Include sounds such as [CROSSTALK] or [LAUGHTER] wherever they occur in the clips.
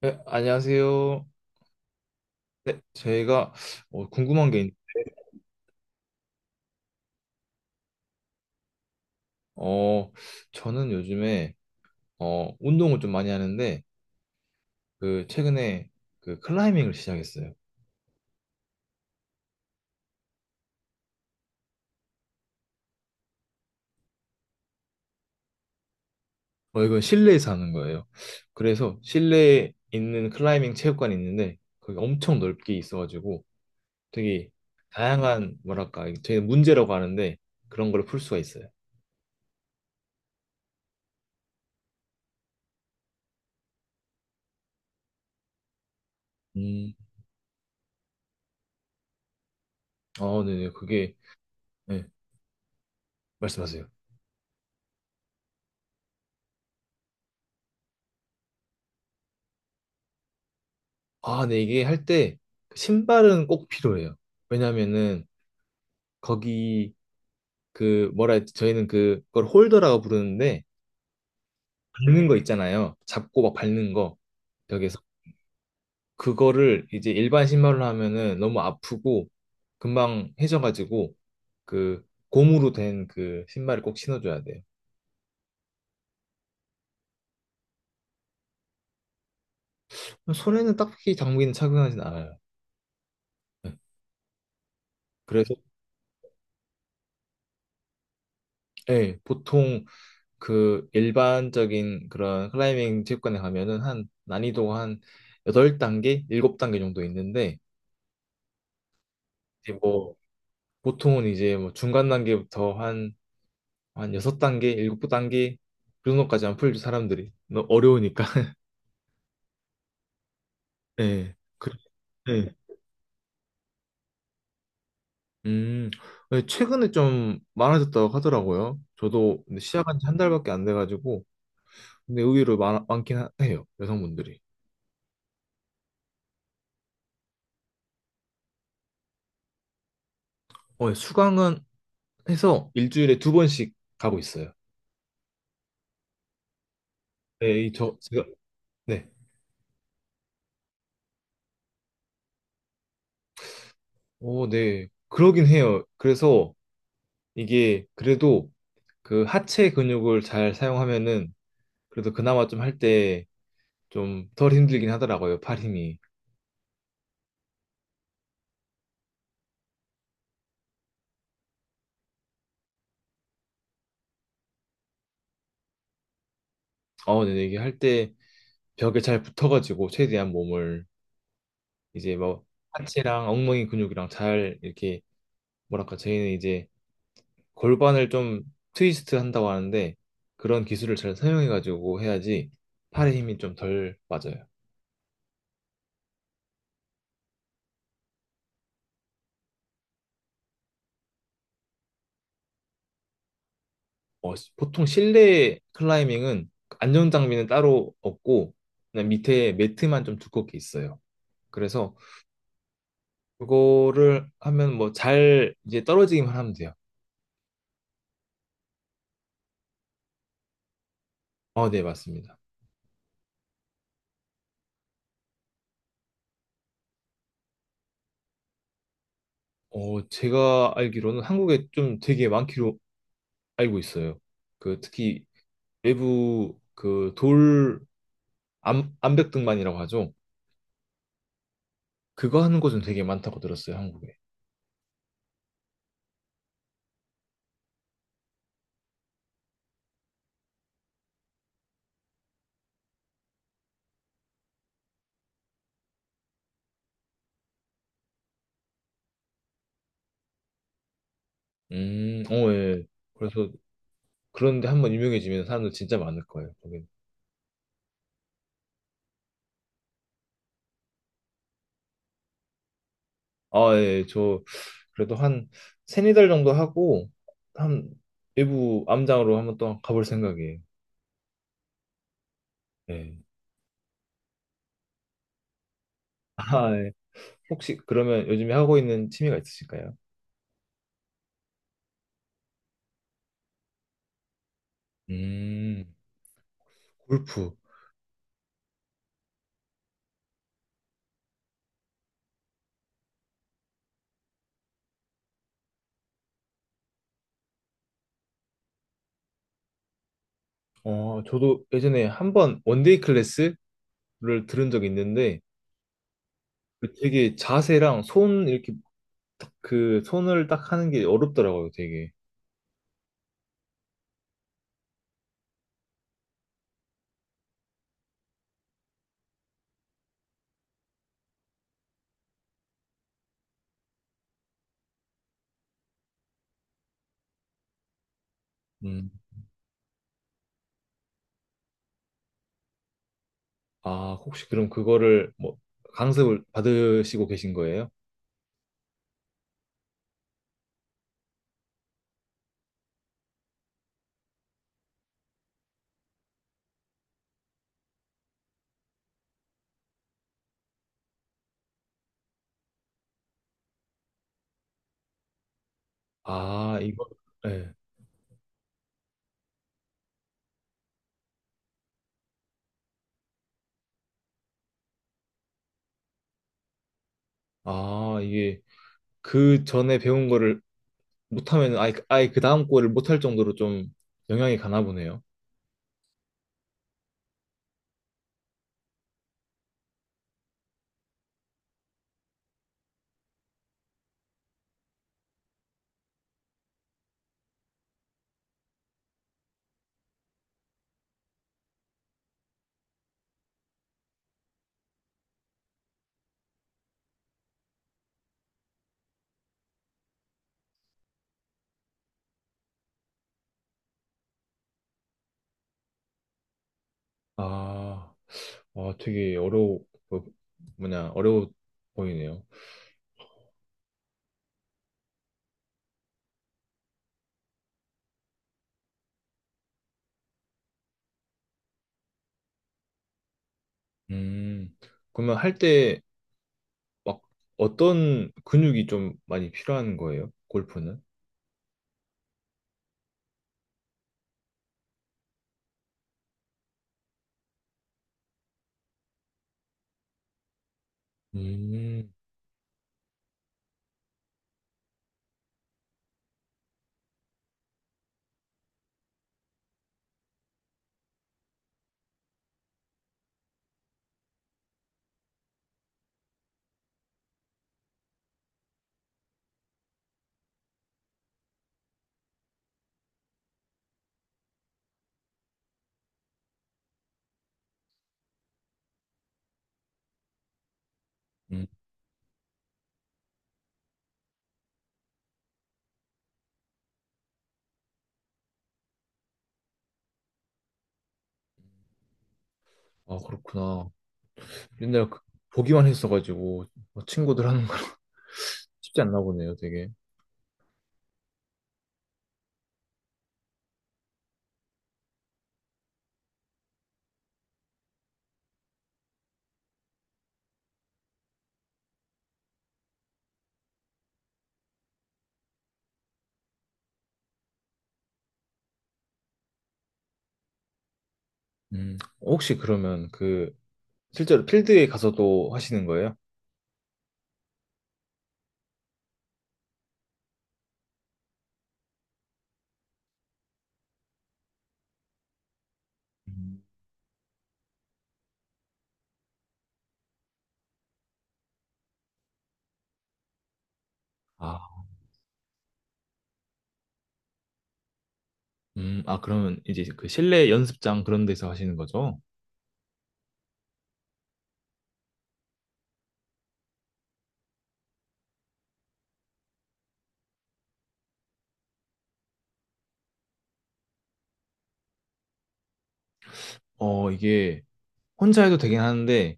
네, 안녕하세요. 네, 저희가 궁금한 게, 어, 저는 요즘에 운동을 좀 많이 하는데, 그 최근에 그 클라이밍을 시작했어요. 이건 실내에서 하는 거예요. 그래서 실내에 있는 클라이밍 체육관이 있는데, 거기 엄청 넓게 있어가지고 되게 다양한, 뭐랄까, 저희는 문제라고 하는데 그런 걸 풀 수가 있어요. 음, 아 네네, 그게. 네, 말씀하세요. 아, 네, 이게 할때 그 신발은 꼭 필요해요. 왜냐면은 거기, 그 뭐라 했지? 저희는 그걸 홀더라고 부르는데, 밟는 거 있잖아요. 잡고 막 밟는 거. 벽에서. 그거를 이제 일반 신발로 하면은 너무 아프고 금방 해져가지고 그 고무로 된 그 신발을 꼭 신어줘야 돼요. 손에는 딱히 장비는 착용하진 않아요. 네. 그래서, 예, 보통 그 일반적인 그런 클라이밍 체육관에 가면은 한 난이도가 한 8단계, 7단계 정도 있는데, 이제 뭐 보통은 이제 뭐 중간 단계부터 한, 한 6단계, 7단계, 그 정도까지 안 풀죠, 사람들이. 너무 어려우니까. [LAUGHS] 네, 네. 음, 네, 최근에 좀 많아졌다고 하더라고요. 저도 근데 시작한 지 한 달밖에 안 돼가지고, 근데 의외로 많긴 해요, 여성분들이. 수강은 해서 일주일에 2번씩 가고 있어요. 네, 네. 오, 네. 그러긴 해요. 그래서 이게 그래도 그 하체 근육을 잘 사용하면은, 그래서 그나마 좀 할 때 좀 덜 힘들긴 하더라고요, 팔 힘이. 근데 이게 할 때 벽에 잘 붙어가지고 최대한 몸을 이제 뭐 하체랑 엉덩이 근육이랑 잘 이렇게, 뭐랄까 저희는 이제 골반을 좀 트위스트 한다고 하는데, 그런 기술을 잘 사용해가지고 해야지 팔의 힘이 좀 덜 빠져요. 보통 실내 클라이밍은 안전 장비는 따로 없고 그냥 밑에 매트만 좀 두껍게 있어요. 그래서 그거를 하면 뭐 잘 이제 떨어지기만 하면 돼요. 어, 네, 맞습니다. 제가 알기로는 한국에 좀 되게 많기로 알고 있어요. 그 특히 외부 그 돌, 암, 암벽등반이라고 하죠. 그거 하는 곳은 되게 많다고 들었어요, 한국에. 어, 예. 그래서, 그런데 한번 유명해지면 사람들 진짜 많을 거예요, 거기. 아, 예. 저, 그래도 한 세네 달 정도 하고 한 외부 암장으로 한번 또 가볼 생각이에요. 예. 아, 예. 혹시 그러면 요즘에 하고 있는 취미가 있으실까요? 음, 골프. 저도 예전에 한번 원데이 클래스를 들은 적이 있는데, 그 되게 자세랑 손 이렇게 딱, 그 손을 딱 하는 게 어렵더라고요, 되게. 음. 아, 혹시 그럼 그거를 뭐 강습을 받으시고 계신 거예요? 아, 이거, 네. 아, 이게 그 전에 배운 거를 못하면 아예 그 다음 거를 못할 정도로 좀 영향이 가나 보네요. 아. 아, 되게 뭐, 어려워 보이네요. 음, 그러면 할 때 막 어떤 근육이 좀 많이 필요한 거예요? 골프는? 음, 음. 아, 그렇구나. 맨날 보기만 했어가지고 뭐 친구들 하는 거 [LAUGHS] 쉽지 않나 보네요, 되게. 혹시 그러면 그 실제로 필드에 가서도 하시는 거예요? 음. 아, 아, 그러면 이제 그 실내 연습장 그런 데서 하시는 거죠? 이게 혼자 해도 되긴 하는데,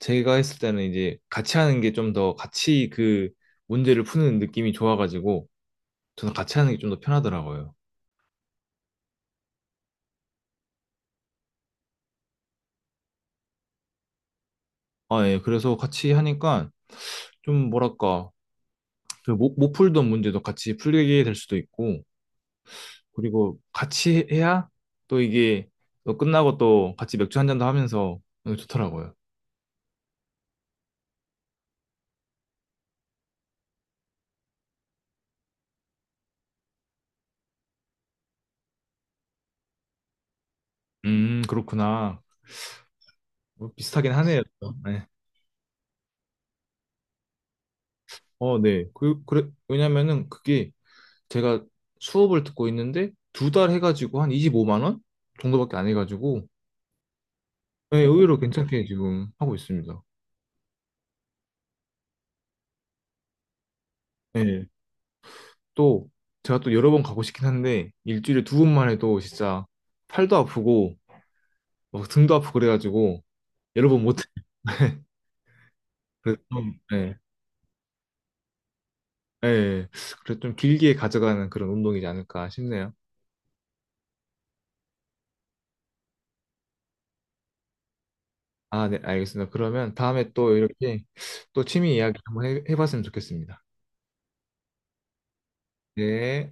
제가 했을 때는 이제 같이 하는 게 좀 더, 같이 그 문제를 푸는 느낌이 좋아가지고 저는 같이 하는 게 좀 더 편하더라고요. 아, 예. 그래서 같이 하니까 좀, 뭐랄까, 그 못 풀던 문제도 같이 풀게 될 수도 있고, 그리고 같이 해야 또 이게, 또 끝나고 또 같이 맥주 한 잔도 하면서, 좋더라고요. 그렇구나. 뭐 비슷하긴 하네요. 네. 어, 네. 그래, 왜냐면은 그게 제가 수업을 듣고 있는데 2달 해가지고 한 25만 원 정도밖에 안 해가지고. 네, 의외로 괜찮게 지금 하고 있습니다. 네. 또 제가 또 여러 번 가고 싶긴 한데 일주일에 2번만 해도 진짜 팔도 아프고 막 등도 아프고 그래가지고 여러 번 못해. [LAUGHS] 그래서 좀, 네. 네. 그래서 좀 길게 가져가는 그런 운동이지 않을까 싶네요. 아, 네, 알겠습니다. 그러면 다음에 또 이렇게 또 취미 이야기 한번 해봤으면 좋겠습니다. 네.